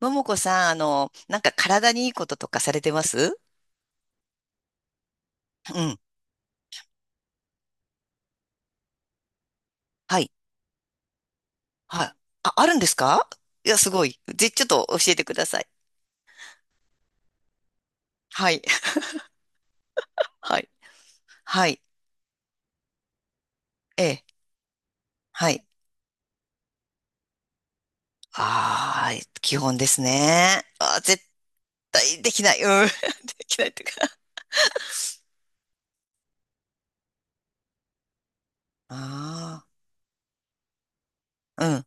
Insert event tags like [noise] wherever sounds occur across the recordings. ももこさん、体にいいこととかされてます？うん。はい。はい。あ、あるんですか？いや、すごい。ちょっと教えてください。はい。[laughs] はい。はい。ええ。はい。ああ、基本ですね。あー、絶対できない。うん。[laughs] できないっていうか。ああ、うん。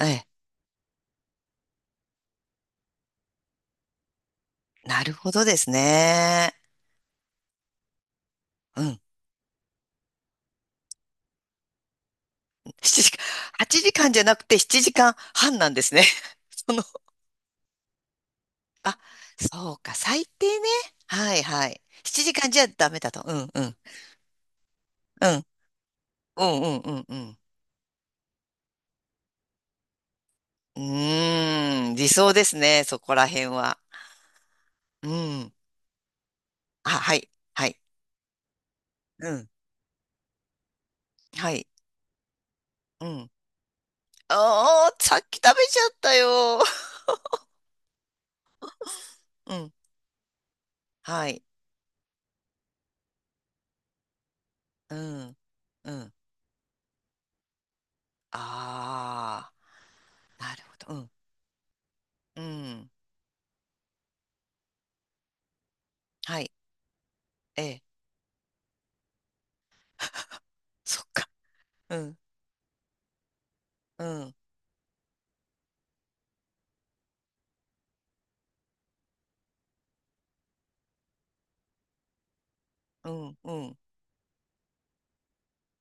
ええ。なるほどですね。うん。7時間、8時間じゃなくて7時間半なんですね。[laughs] その、あ、そうか、最低ね。はいはい。7時間じゃダメだと。うんうん。うん。うんうんうんうん。うーん、理想ですね、そこら辺は。うん。あ、はい。はい。うん。はい。うん。ああ、さっき食べちゃったよ。[laughs] うん。はい。うん。うん。ああ、なるほど。うん。うん。はい。ええ。そっか。うん。うん。うん。うん。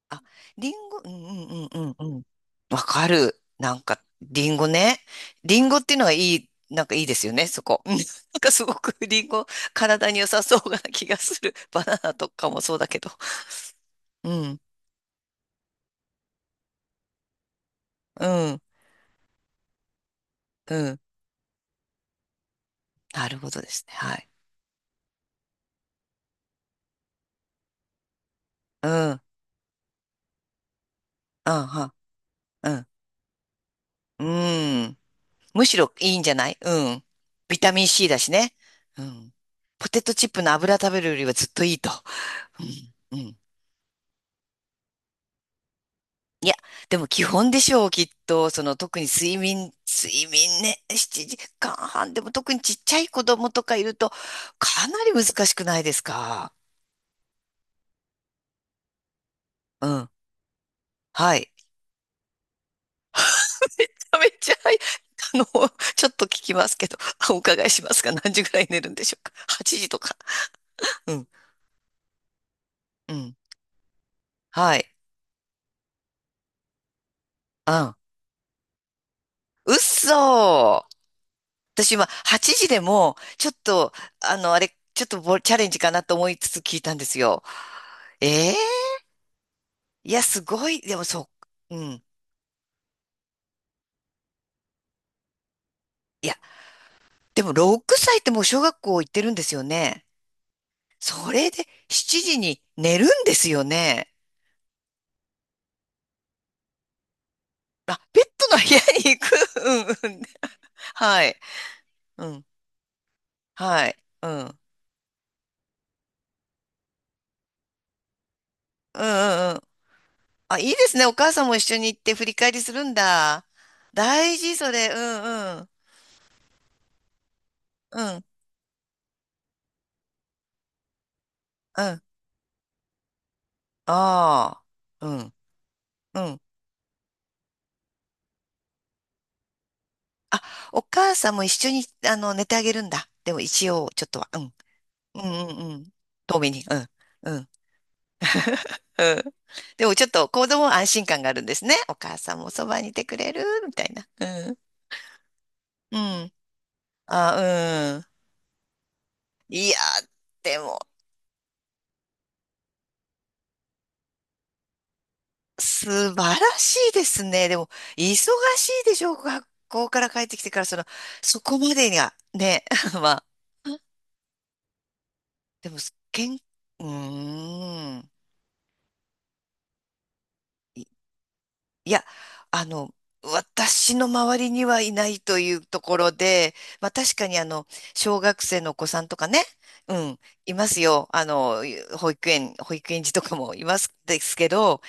あ、リンゴ、うんうんうんうんうん。わかる。なんか、リンゴね。リンゴっていうのはいい、なんかいいですよね、そこ。[laughs] うんなんかすごくリンゴ、体に良さそうな気がする。[laughs] バナナとかもそうだけど。うん、うん、うん。なるほどですね。はい。うん、うん、は、うん、うん。むしろいいんじゃない？うん。ビタミン C だしね。うん。ポテトチップの油食べるよりはずっといいと。うん、うん。いや、でも基本でしょう、きっと。その特に睡眠、睡眠ね、7時間半。でも特にちっちゃい子供とかいると、かなり難しくないですか？うん。はい。[laughs] めっちゃ、はい。あの、ちょっと聞きますけど、あお伺いしますが、何時ぐらい寝るんでしょうか？ 8 時とか。うん。うん。はい。うん。うっそー。私今、8時でも、ちょっと、あの、あれ、ちょっとボチャレンジかなと思いつつ聞いたんですよ。ええ、いや、すごい。でもそう、うん。いや、でも6歳ってもう小学校行ってるんですよね。それで7時に寝るんですよね。あ、ペットの部屋に行く。[laughs] うんうん。はい。うん。はい。うん。うんうんうん。あ、いいですね。お母さんも一緒に行って振り返りするんだ。大事、それ。うんうん。うん。うん。ああ。うん。うん。あ、お母さんも一緒に、寝てあげるんだ。でも一応、ちょっとは。うん。うんうんうん。遠目に。うん。うん。うん。でもちょっと子供は安心感があるんですね。お母さんもそばにいてくれるみたいな。うん。うん。あ、うん。いや、でも、素晴らしいですね。でも、忙しいでしょう。学校から帰ってきてから、その、そこまでが、ね。[laughs] まあ、でも、けん、うーん。いや、あの、私の周りにはいないというところで、まあ確かに小学生のお子さんとかね、うん、いますよ。あの、保育園児とかもいますですけど、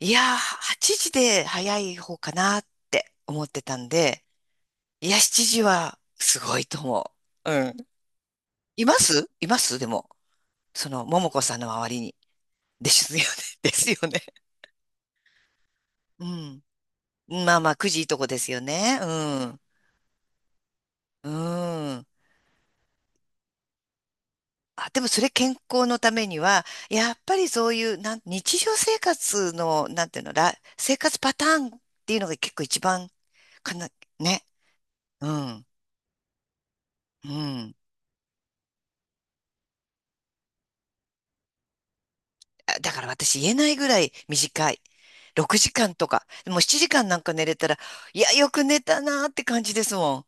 いやー、8時で早い方かなって思ってたんで、いや、7時はすごいと思う。うん。いますいますでも、その、ももこさんの周りに。ですよね。[laughs] ですよね。うん。まあまあ、9時いいとこですよね。うん。うん。あ、でもそれ健康のためには、やっぱりそういう、日常生活の、なんていうの、ら、生活パターンっていうのが結構一番かな、ね。うん。うん。あ、だから私言えないぐらい短い。6時間とか。もう7時間なんか寝れたら、いや、よく寝たなーって感じですもん。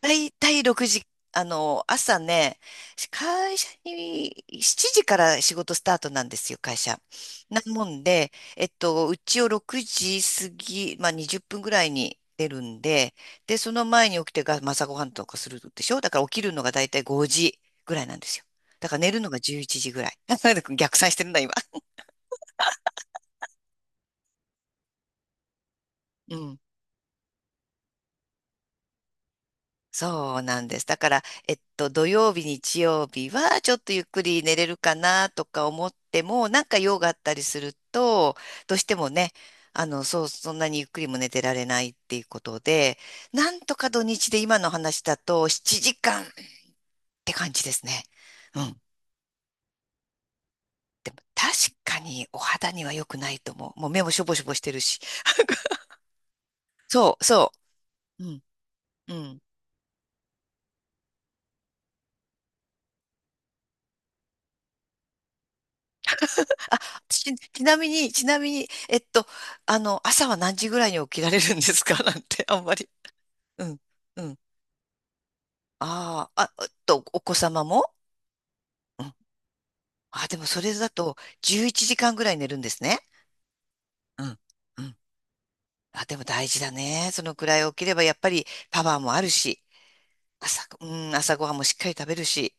だいたい6時、朝ね、会社に7時から仕事スタートなんですよ、会社。なもんで、うちを6時過ぎ、まあ20分ぐらいに出るんで、で、その前に起きてが、まあ朝ごはんとかするでしょ？だから起きるのがだいたい5時ぐらいなんですよ。だから寝るのが11時ぐらい。[laughs] 逆算してるんだ、今。うん。そうなんです。だから、土曜日、日曜日はちょっとゆっくり寝れるかなとか思っても、なんか用があったりすると、どうしてもね、そんなにゆっくりも寝てられないっていうことで、なんとか土日で今の話だと7時間って感じですね。うん。確かにお肌には良くないと思う。もう目もしょぼしょぼしてるし。そう、そう。うん、うん。なみに、ちなみに、朝は何時ぐらいに起きられるんですか？ [laughs] なんて、あんまり。うん、うん。ああ、あ、お子様も、うん。あ、でもそれだと11時間ぐらい寝るんですね。うん、うん。あ、でも大事だね。そのくらい起きればやっぱりパワーもあるし、朝、うん、朝ごはんもしっかり食べるし。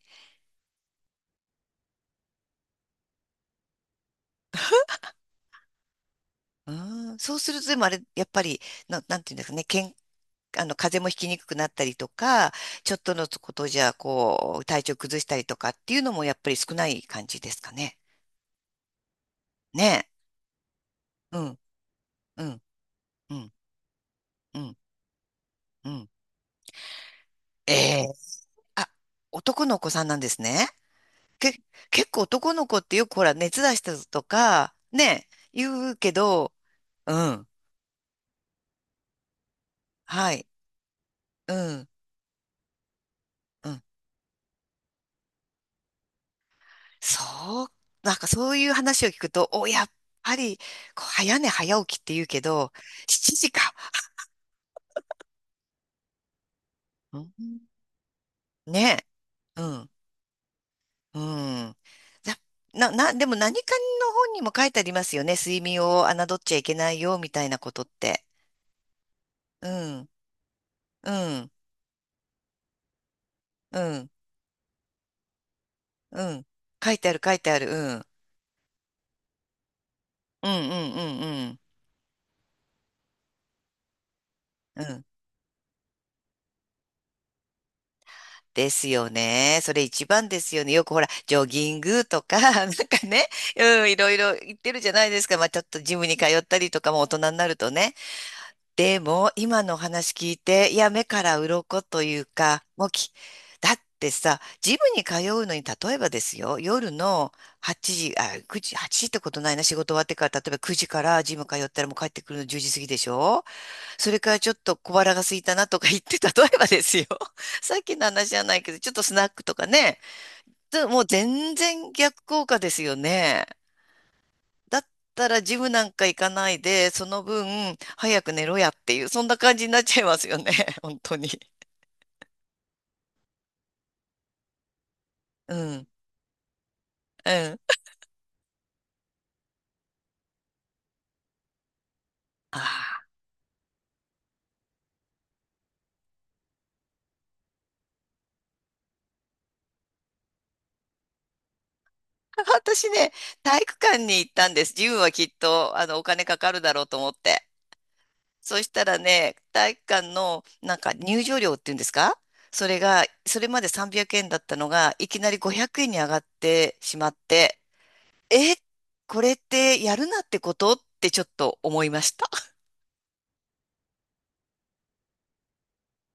うん、そうすると、でもあれ、やっぱり、んていうんですかね、風邪もひきにくくなったりとか、ちょっとのことじゃ、こう、体調崩したりとかっていうのもやっぱり少ない感じですかね。ねえ。うん、うん、うん、うん、うん。ええ。あ、男の子さんなんですね。け、結構男の子ってよくほら、熱出したとか、ねえ、言うけど、うん、はい、うん、うん。そう、なんかそういう話を聞くと、お、やっぱり、こう早寝早起きって言うけど、7時か。うんね。うん。うん。だな、な、なでも何かの本にも書いてありますよね。睡眠を侮っちゃいけないよ、みたいなことって。うん。うん。うん。うん。書いてある、書いてある。うん。うん、うん、うん、うん。うん。ですよね。それ一番ですよね。よくほら、ジョギングとか、[laughs] なんかね、うん、いろいろ言ってるじゃないですか。まあ、ちょっとジムに通ったりとかも大人になるとね。でも今のお話聞いて、いや目から鱗というか、もうき、だってさ、ジムに通うのに例えばですよ、夜の8時、あ、9時、8時ってことないな、仕事終わってから、例えば9時からジム通ったらもう帰ってくるの10時過ぎでしょ？それからちょっと小腹が空いたなとか言って、例えばですよ、[laughs] さっきの話じゃないけど、ちょっとスナックとかね、ずもう全然逆効果ですよね。だったらジムなんか行かないで、その分早く寝ろやっていう、そんな感じになっちゃいますよね。[laughs] 本当に。うん。うん。ああ。私ね、体育館に行ったんです。ジムはきっと、お金かかるだろうと思って。そしたらね、体育館の、なんか入場料っていうんですか？それが、それまで300円だったのが、いきなり500円に上がってしまって、え、これってやるなってことってちょっと思いました。